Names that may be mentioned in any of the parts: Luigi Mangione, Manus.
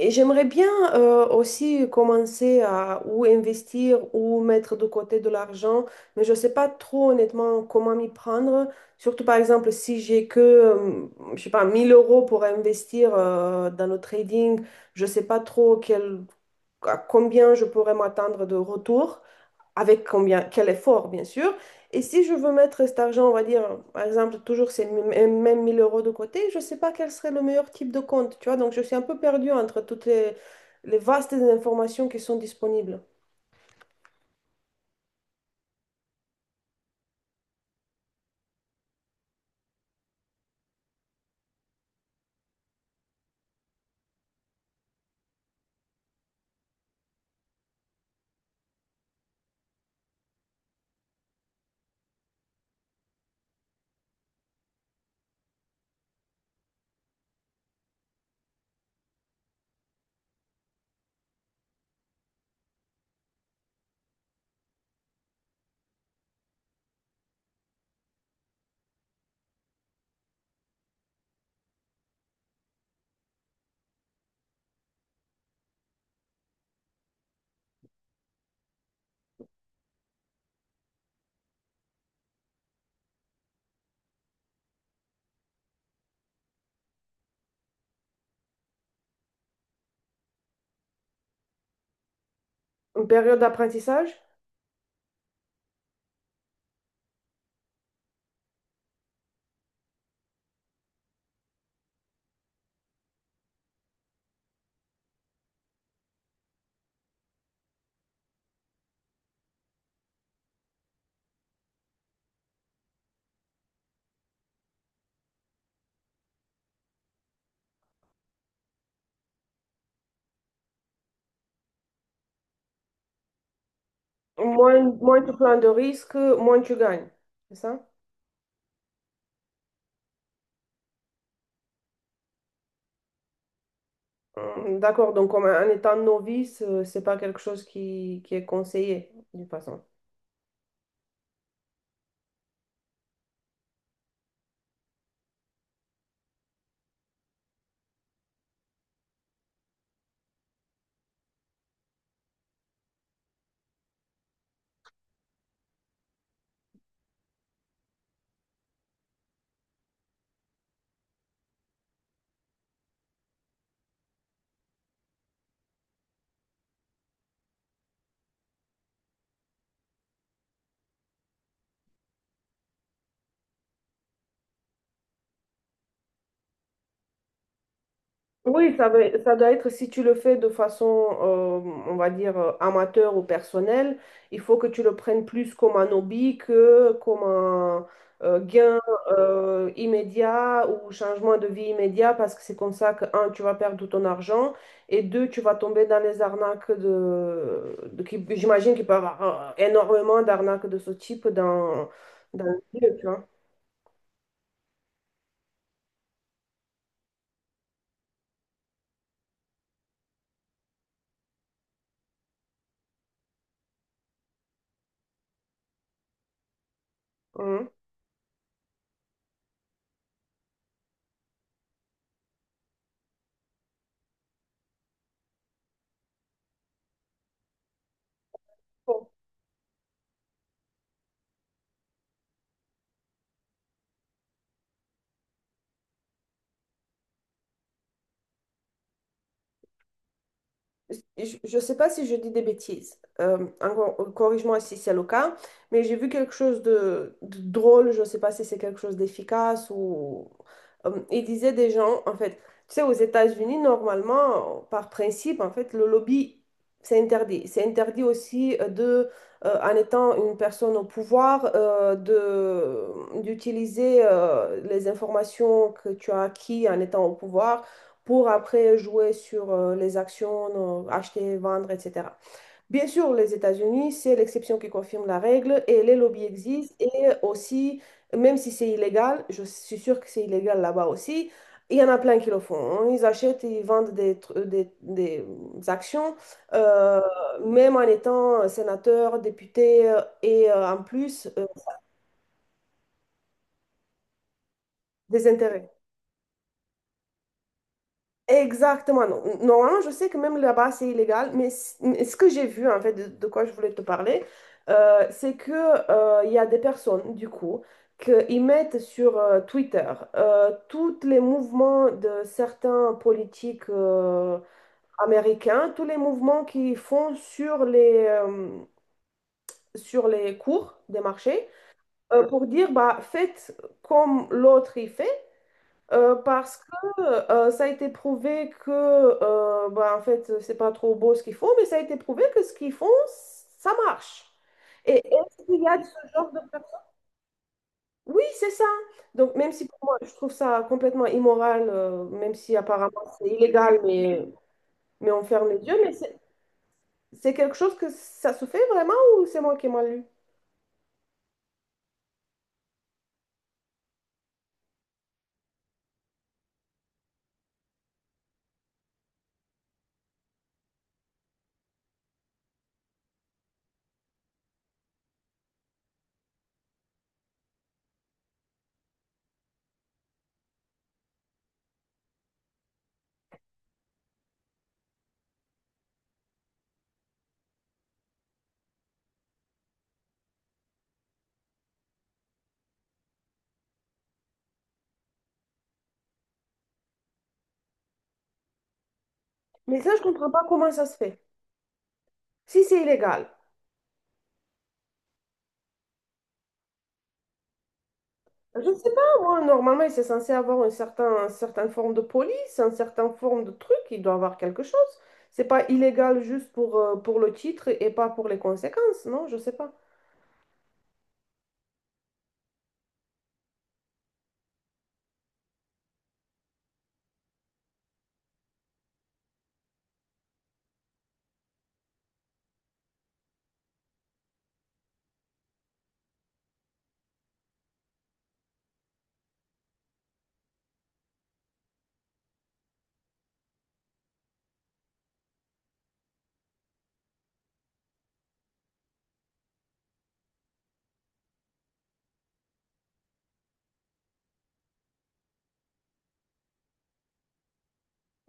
Et j'aimerais bien aussi commencer à ou investir ou mettre de côté de l'argent, mais je ne sais pas trop honnêtement comment m'y prendre. Surtout par exemple si j'ai que, je sais pas, 1000 euros pour investir dans le trading, je ne sais pas trop quel, à combien je pourrais m'attendre de retour avec combien, quel effort, bien sûr. Et si je veux mettre cet argent, on va dire, par exemple, toujours ces mêmes 1000 euros de côté, je ne sais pas quel serait le meilleur type de compte, tu vois. Donc, je suis un peu perdue entre les vastes informations qui sont disponibles. Une période d'apprentissage, moins tu prends de risques, moins tu gagnes. C'est ça? Mm, d'accord, donc comme en étant novice, c'est pas quelque chose qui est conseillé, de toute façon. Oui, ça, ça doit être si tu le fais de façon, on va dire, amateur ou personnelle, il faut que tu le prennes plus comme un hobby que comme un gain immédiat ou changement de vie immédiat parce que c'est comme ça que, un, tu vas perdre tout ton argent et deux, tu vas tomber dans les arnaques de j'imagine qu'il peut y avoir énormément d'arnaques de ce type dans le milieu, tu vois. Mhm. Je ne sais pas si je dis des bêtises, corrige-moi si c'est le cas, mais j'ai vu quelque chose de drôle, je ne sais pas si c'est quelque chose d'efficace ou... il disait des gens, en fait, tu sais, aux États-Unis, normalement, par principe, en fait, le lobby, c'est interdit. C'est interdit aussi en étant une personne au pouvoir, d'utiliser les informations que tu as acquis en étant au pouvoir pour après jouer sur les actions, acheter, vendre, etc. Bien sûr, les États-Unis, c'est l'exception qui confirme la règle et les lobbies existent et aussi, même si c'est illégal, je suis sûre que c'est illégal là-bas aussi, il y en a plein qui le font, hein. Ils achètent, ils vendent des actions, euh, même en étant sénateur, député , et en plus, des intérêts. Exactement. Normalement, je sais que même là-bas, c'est illégal, mais mais ce que j'ai vu, en fait, de quoi je voulais te parler, c'est que, il y a des personnes, du coup, qu'ils mettent sur Twitter tous les mouvements de certains politiques américains, tous les mouvements qu'ils font sur sur les cours des marchés, pour dire, bah, faites comme l'autre y fait. Parce que ça a été prouvé que, bah, en fait, c'est pas trop beau ce qu'ils font, mais ça a été prouvé que ce qu'ils font, ça marche. Et est-ce qu'il y a de ce genre de... oui, c'est ça. Donc, même si pour moi, je trouve ça complètement immoral, même si apparemment c'est illégal, mais on ferme les yeux, mais c'est quelque chose que ça se fait vraiment ou c'est moi qui ai mal lu? Mais ça, je comprends pas comment ça se fait. Si c'est illégal, je ne sais pas, moi, normalement, c'est censé avoir une certaine forme de police, une certaine forme de truc, il doit avoir quelque chose. C'est pas illégal juste pour le titre et pas pour les conséquences, non? Je sais pas.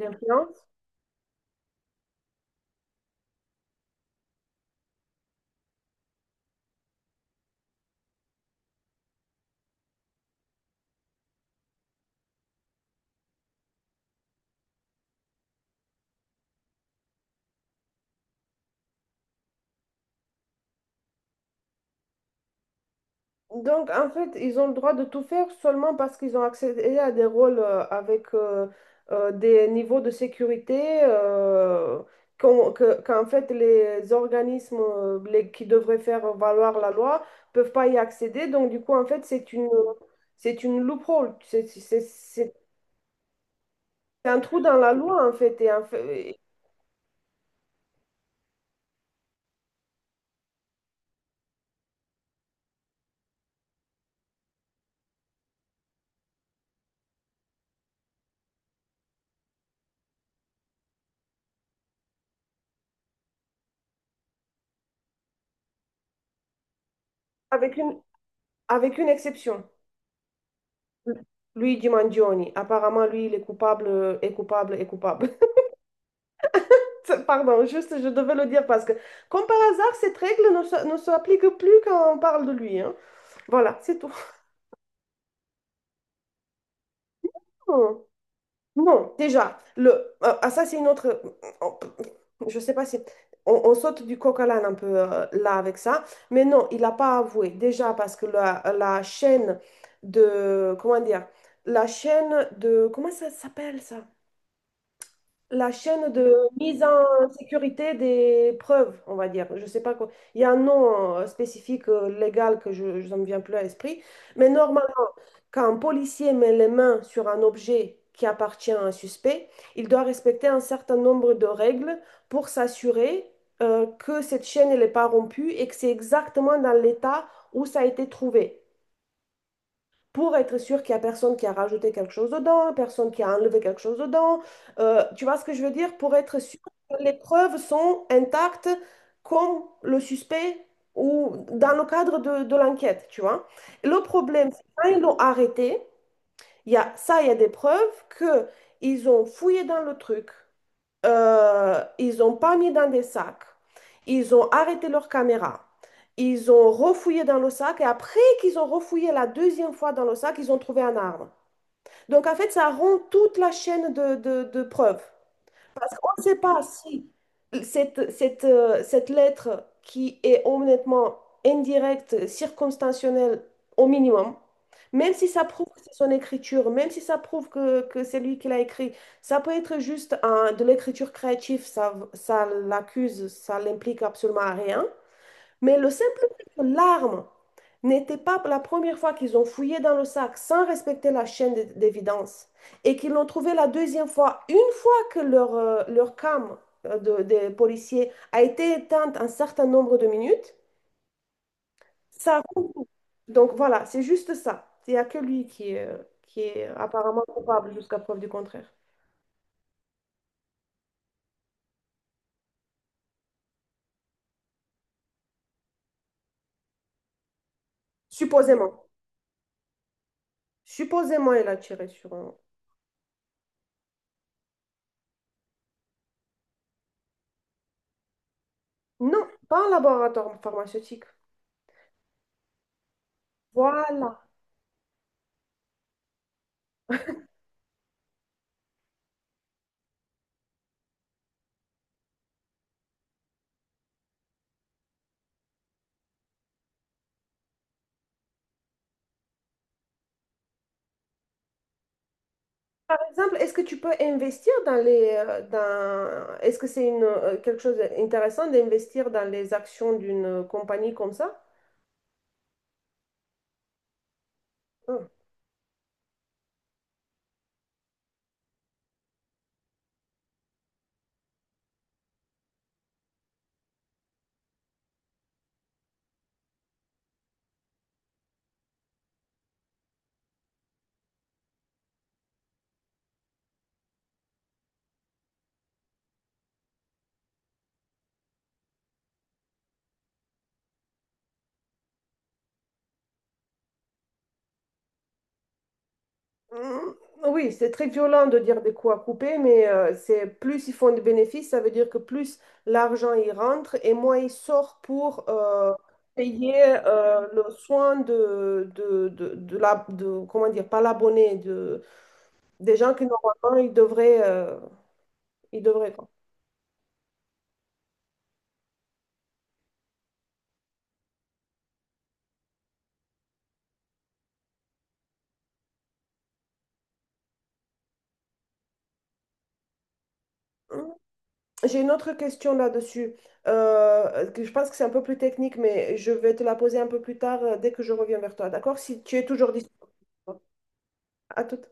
D'influence. Donc, en fait, ils ont le droit de tout faire seulement parce qu'ils ont accédé à des rôles avec des niveaux de sécurité qu'en fait, les organismes qui devraient faire valoir la loi peuvent pas y accéder. Donc, du coup, en fait, c'est une loophole. C'est un trou dans la loi, en fait, et avec une, avec une exception. Luigi Mangione, apparemment, lui, il est coupable, est coupable. Pardon, juste, je devais le dire parce que, comme par hasard, cette règle ne s'applique plus quand on parle de lui, hein. Voilà, c'est tout. Non, non, déjà, ça, c'est une autre. on- je sais pas si. On saute du coq à l'âne un peu là avec ça. Mais non, il n'a pas avoué. Déjà, parce que la chaîne de. Comment dire? La chaîne de. Comment ça s'appelle ça? La chaîne de mise en sécurité des preuves, on va dire. Je sais pas quoi. Il y a un nom spécifique légal que ça me vient plus à l'esprit. Mais normalement, quand un policier met les mains sur un objet qui appartient à un suspect, il doit respecter un certain nombre de règles pour s'assurer que cette chaîne elle n'est pas rompue et que c'est exactement dans l'état où ça a été trouvé pour être sûr qu'il n'y a personne qui a rajouté quelque chose dedans, personne qui a enlevé quelque chose dedans. Tu vois ce que je veux dire? Pour être sûr que les preuves sont intactes comme le suspect ou dans le cadre de l'enquête, tu vois. Le problème, c'est que quand ils l'ont arrêté, il y a des preuves que ils ont fouillé dans le truc, ils n'ont pas mis dans des sacs. Ils ont arrêté leur caméra. Ils ont refouillé dans le sac et après qu'ils ont refouillé la deuxième fois dans le sac, ils ont trouvé un arme. Donc en fait, ça rend toute la chaîne de preuves ne sait pas si cette lettre qui est honnêtement indirecte, circonstancielle au minimum, même si ça prouve que c'est son écriture, même si ça prouve que c'est lui qui l'a écrit, ça peut être juste de l'écriture créative, ça l'accuse, ça l'implique absolument à rien. Mais le simple fait que l'arme n'était pas la première fois qu'ils ont fouillé dans le sac sans respecter la chaîne d'évidence et qu'ils l'ont trouvé la deuxième fois, une fois que leur cam des policiers a été éteinte un certain nombre de minutes, ça roule. Donc voilà, c'est juste ça. Il n'y a que lui qui est apparemment coupable jusqu'à preuve du contraire. Supposément. Supposément, il a tiré sur un... Non, pas un laboratoire pharmaceutique. Voilà. Par exemple, est-ce que tu peux investir dans est-ce que c'est quelque chose d'intéressant d'investir dans les actions d'une compagnie comme ça? Hum. Hum, oui, c'est très violent de dire des coups à couper, mais c'est plus ils font de bénéfices, ça veut dire que plus l'argent y rentre et moins il sort pour payer le soin comment dire, pas l'abonné, de, des gens qui normalement ils devraient, quoi. Mmh. J'ai une autre question là-dessus, que je pense que c'est un peu plus technique, mais je vais te la poser un peu plus tard, dès que je reviens vers toi, d'accord? Si tu es toujours disponible. À tout